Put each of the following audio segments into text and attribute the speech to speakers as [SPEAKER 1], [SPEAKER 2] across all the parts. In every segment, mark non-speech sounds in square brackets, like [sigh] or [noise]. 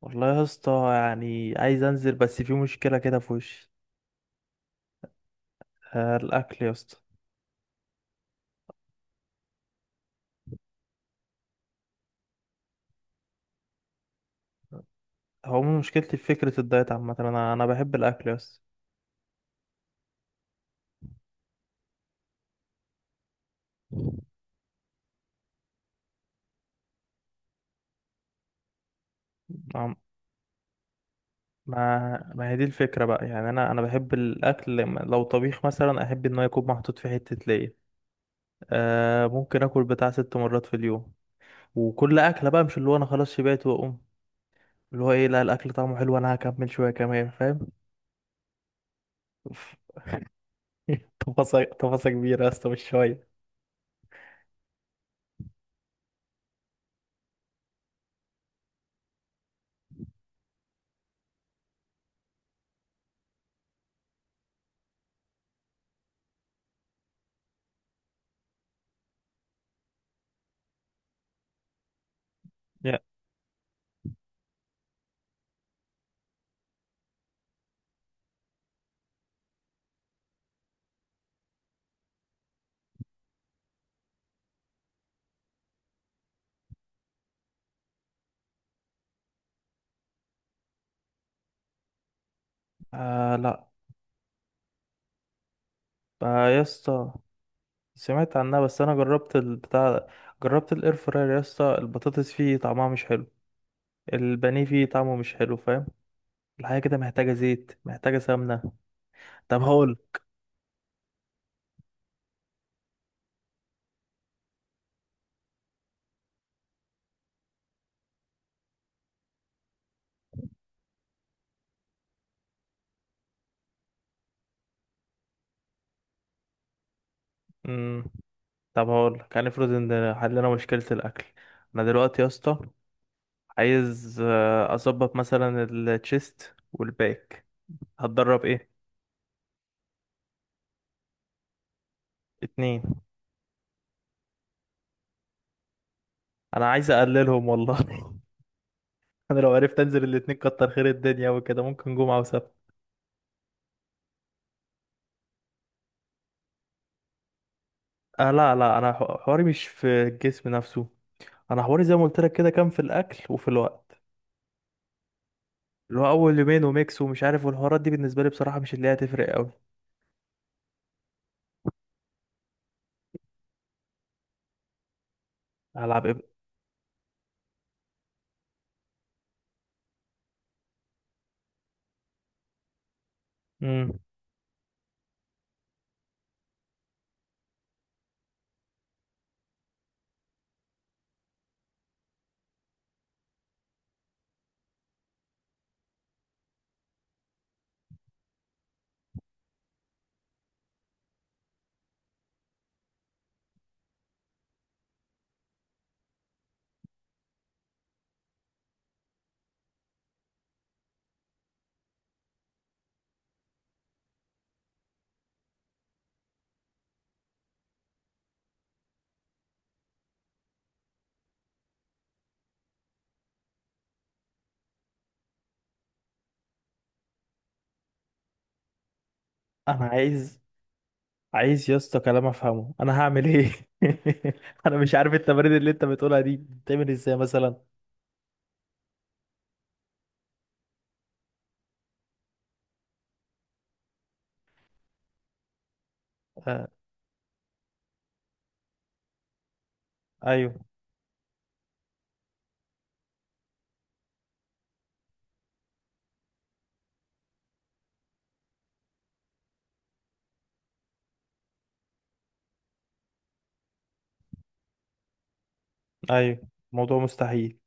[SPEAKER 1] والله يا اسطى، يعني عايز انزل بس في مشكله كده في وشي. آه، الاكل يا اسطى. هو من مشكلتي في فكره الدايت عامه، انا بحب الاكل يا اسطى. ما ما هي دي الفكره بقى، يعني انا بحب الاكل. لو طبيخ مثلا، احب ان هو يكون محطوط في حته ليا. آه، ممكن اكل بتاع ست مرات في اليوم، وكل اكله بقى، مش اللي هو انا خلاص شبعت واقوم، اللي هو ايه، لا الاكل طعمه حلو، انا هكمل شويه كمان، فاهم؟ [laughs] تفاصيل تفاصيل كبيره يا اسطى، مش شويه. يا- آه لا. آه يا اسطى، سمعت عنها بس انا جربت البتاع. جربت الاير فراير يا اسطى، البطاطس فيه طعمها مش حلو، البانيه فيه طعمه مش حلو، فاهم؟ الحاجه كده محتاجه زيت، محتاجه سمنه. طب هقول. امم طب هقول، كان افرض ان حلنا مشكله الاكل. انا دلوقتي يا اسطى عايز اظبط مثلا التشيست والباك. هتدرب ايه؟ اتنين. انا عايز اقللهم والله. [laughs] انا لو عرفت انزل الاتنين كتر خير الدنيا، وكده ممكن جمعه وسبت. آه لا لا، انا حواري مش في الجسم نفسه، انا حواري زي ما قلت لك كده، كان في الاكل وفي الوقت. اللي هو اول يومين وميكس ومش عارف، والحوارات دي بالنسبه لي بصراحه مش اللي هي هتفرق قوي. هلعب ايه بقى؟ امم انا عايز يا اسطى كلام افهمه، انا هعمل ايه؟ [laughs] انا مش عارف التمارين اللي انت بتقولها دي بتعمل ازاي مثلا. آه. ايوه. ايوه، موضوع مستحيل.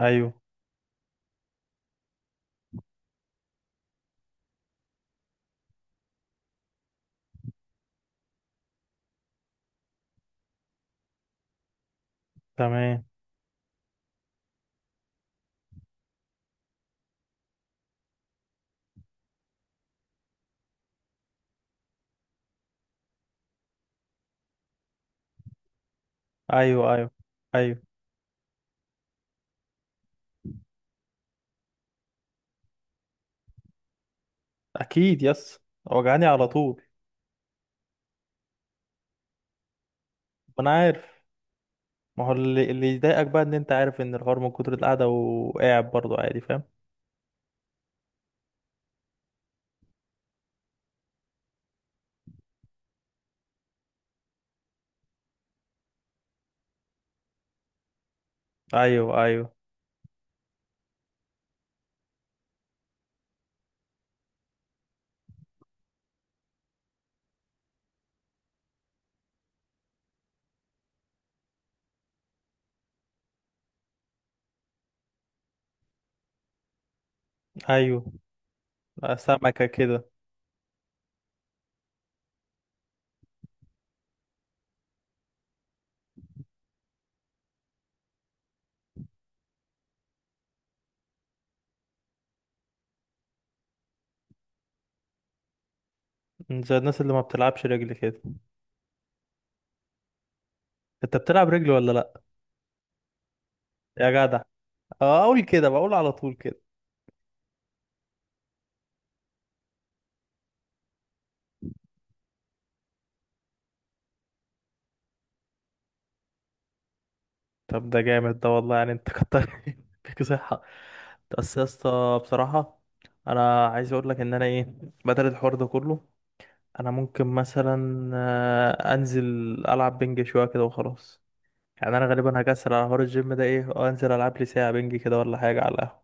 [SPEAKER 1] ايوه. تمام. ايوه ايوه. ايوه. اكيد، يس وجعاني على طول. ما انا عارف. ما هو اللي يضايقك بقى، ان انت عارف ان الحوار من كتر القعده، وقاعد برضه عادي، فاهم؟ ايوه ايوه ايوه. سمكة كده. زي الناس اللي ما بتلعبش رجل كده. انت بتلعب رجل ولا لا؟ يا جدع. اه، اقول كده بقول على طول كده. طب ده جامد ده والله، يعني انت كتر [laughs] فيك صحة. بس يا اسطى بصراحة، انا عايز اقول لك ان انا ايه، بدل الحوار ده كله، انا ممكن مثلا انزل العب بنج شوية كده وخلاص. يعني انا غالبا هكسل على حوار الجيم ده ايه، وانزل العب لي ساعة بنج كده ولا حاجة على القهوة.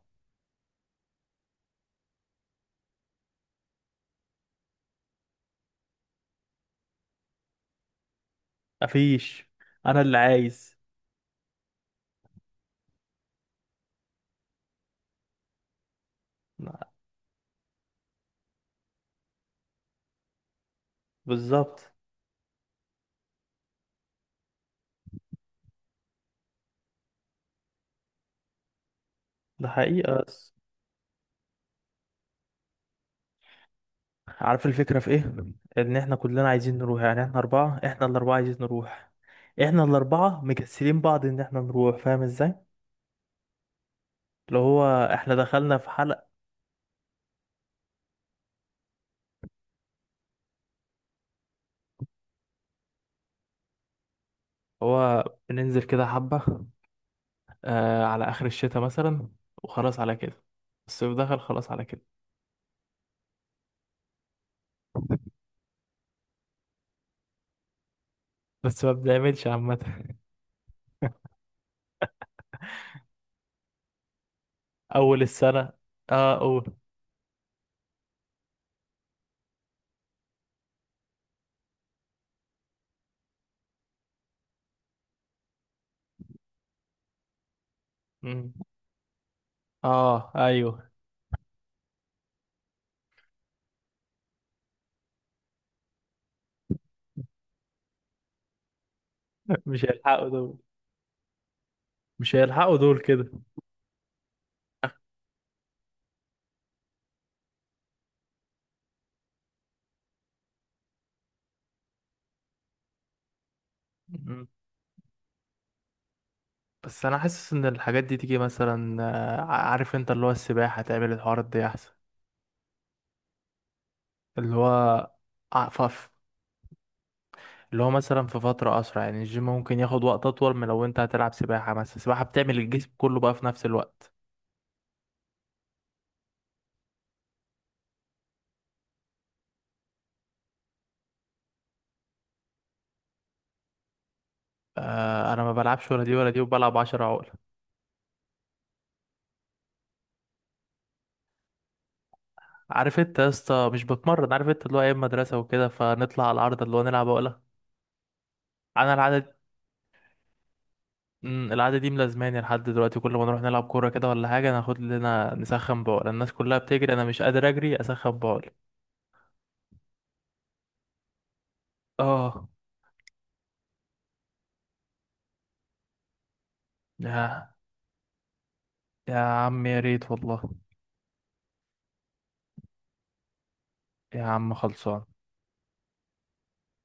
[SPEAKER 1] مفيش. انا اللي عايز. بالظبط. ده حقيقة. بس عارف الفكرة في ايه؟ ان احنا كلنا عايزين نروح، يعني احنا اربعة، احنا الاربعة عايزين نروح، احنا الاربعة مكسلين بعض ان احنا نروح، فاهم ازاي؟ اللي هو، احنا دخلنا في حلقة. هو بننزل كده حبة، آه، على اخر الشتاء مثلا، وخلاص على كده، الصيف دخل خلاص على كده. بس ما بنعملش عامة. اول السنة. اه اول. مم. اه ايوه. [laughs] مش هيلحقوا دول. مش هيلحقوا دول كده. بس انا حاسس ان الحاجات دي تيجي مثلا، عارف انت اللي هو السباحه تعمل الحوارات دي احسن. اللي هو. عفف. اللي هو مثلا في فتره اسرع، يعني الجيم ممكن ياخد وقت اطول من لو انت هتلعب سباحه مثلا، السباحه بتعمل الجسم كله بقى في نفس الوقت. آه، انا ما بلعبش ولا دي ولا دي، وبلعب 10 عقله. عارف انت يا اسطى مش بتمرن، عارف انت اللي هو ايام مدرسه وكده، فنطلع على العرض اللي هو نلعب عقله. انا العاده دي- العاده دي ملازماني لحد دلوقتي، كل ما نروح نلعب كوره كده ولا حاجه، ناخد لنا نسخن بعقله، الناس كلها بتجري، انا مش قادر اجري اسخن بعقله. اه. يا يا عم يا ريت والله. يا عم خلصان.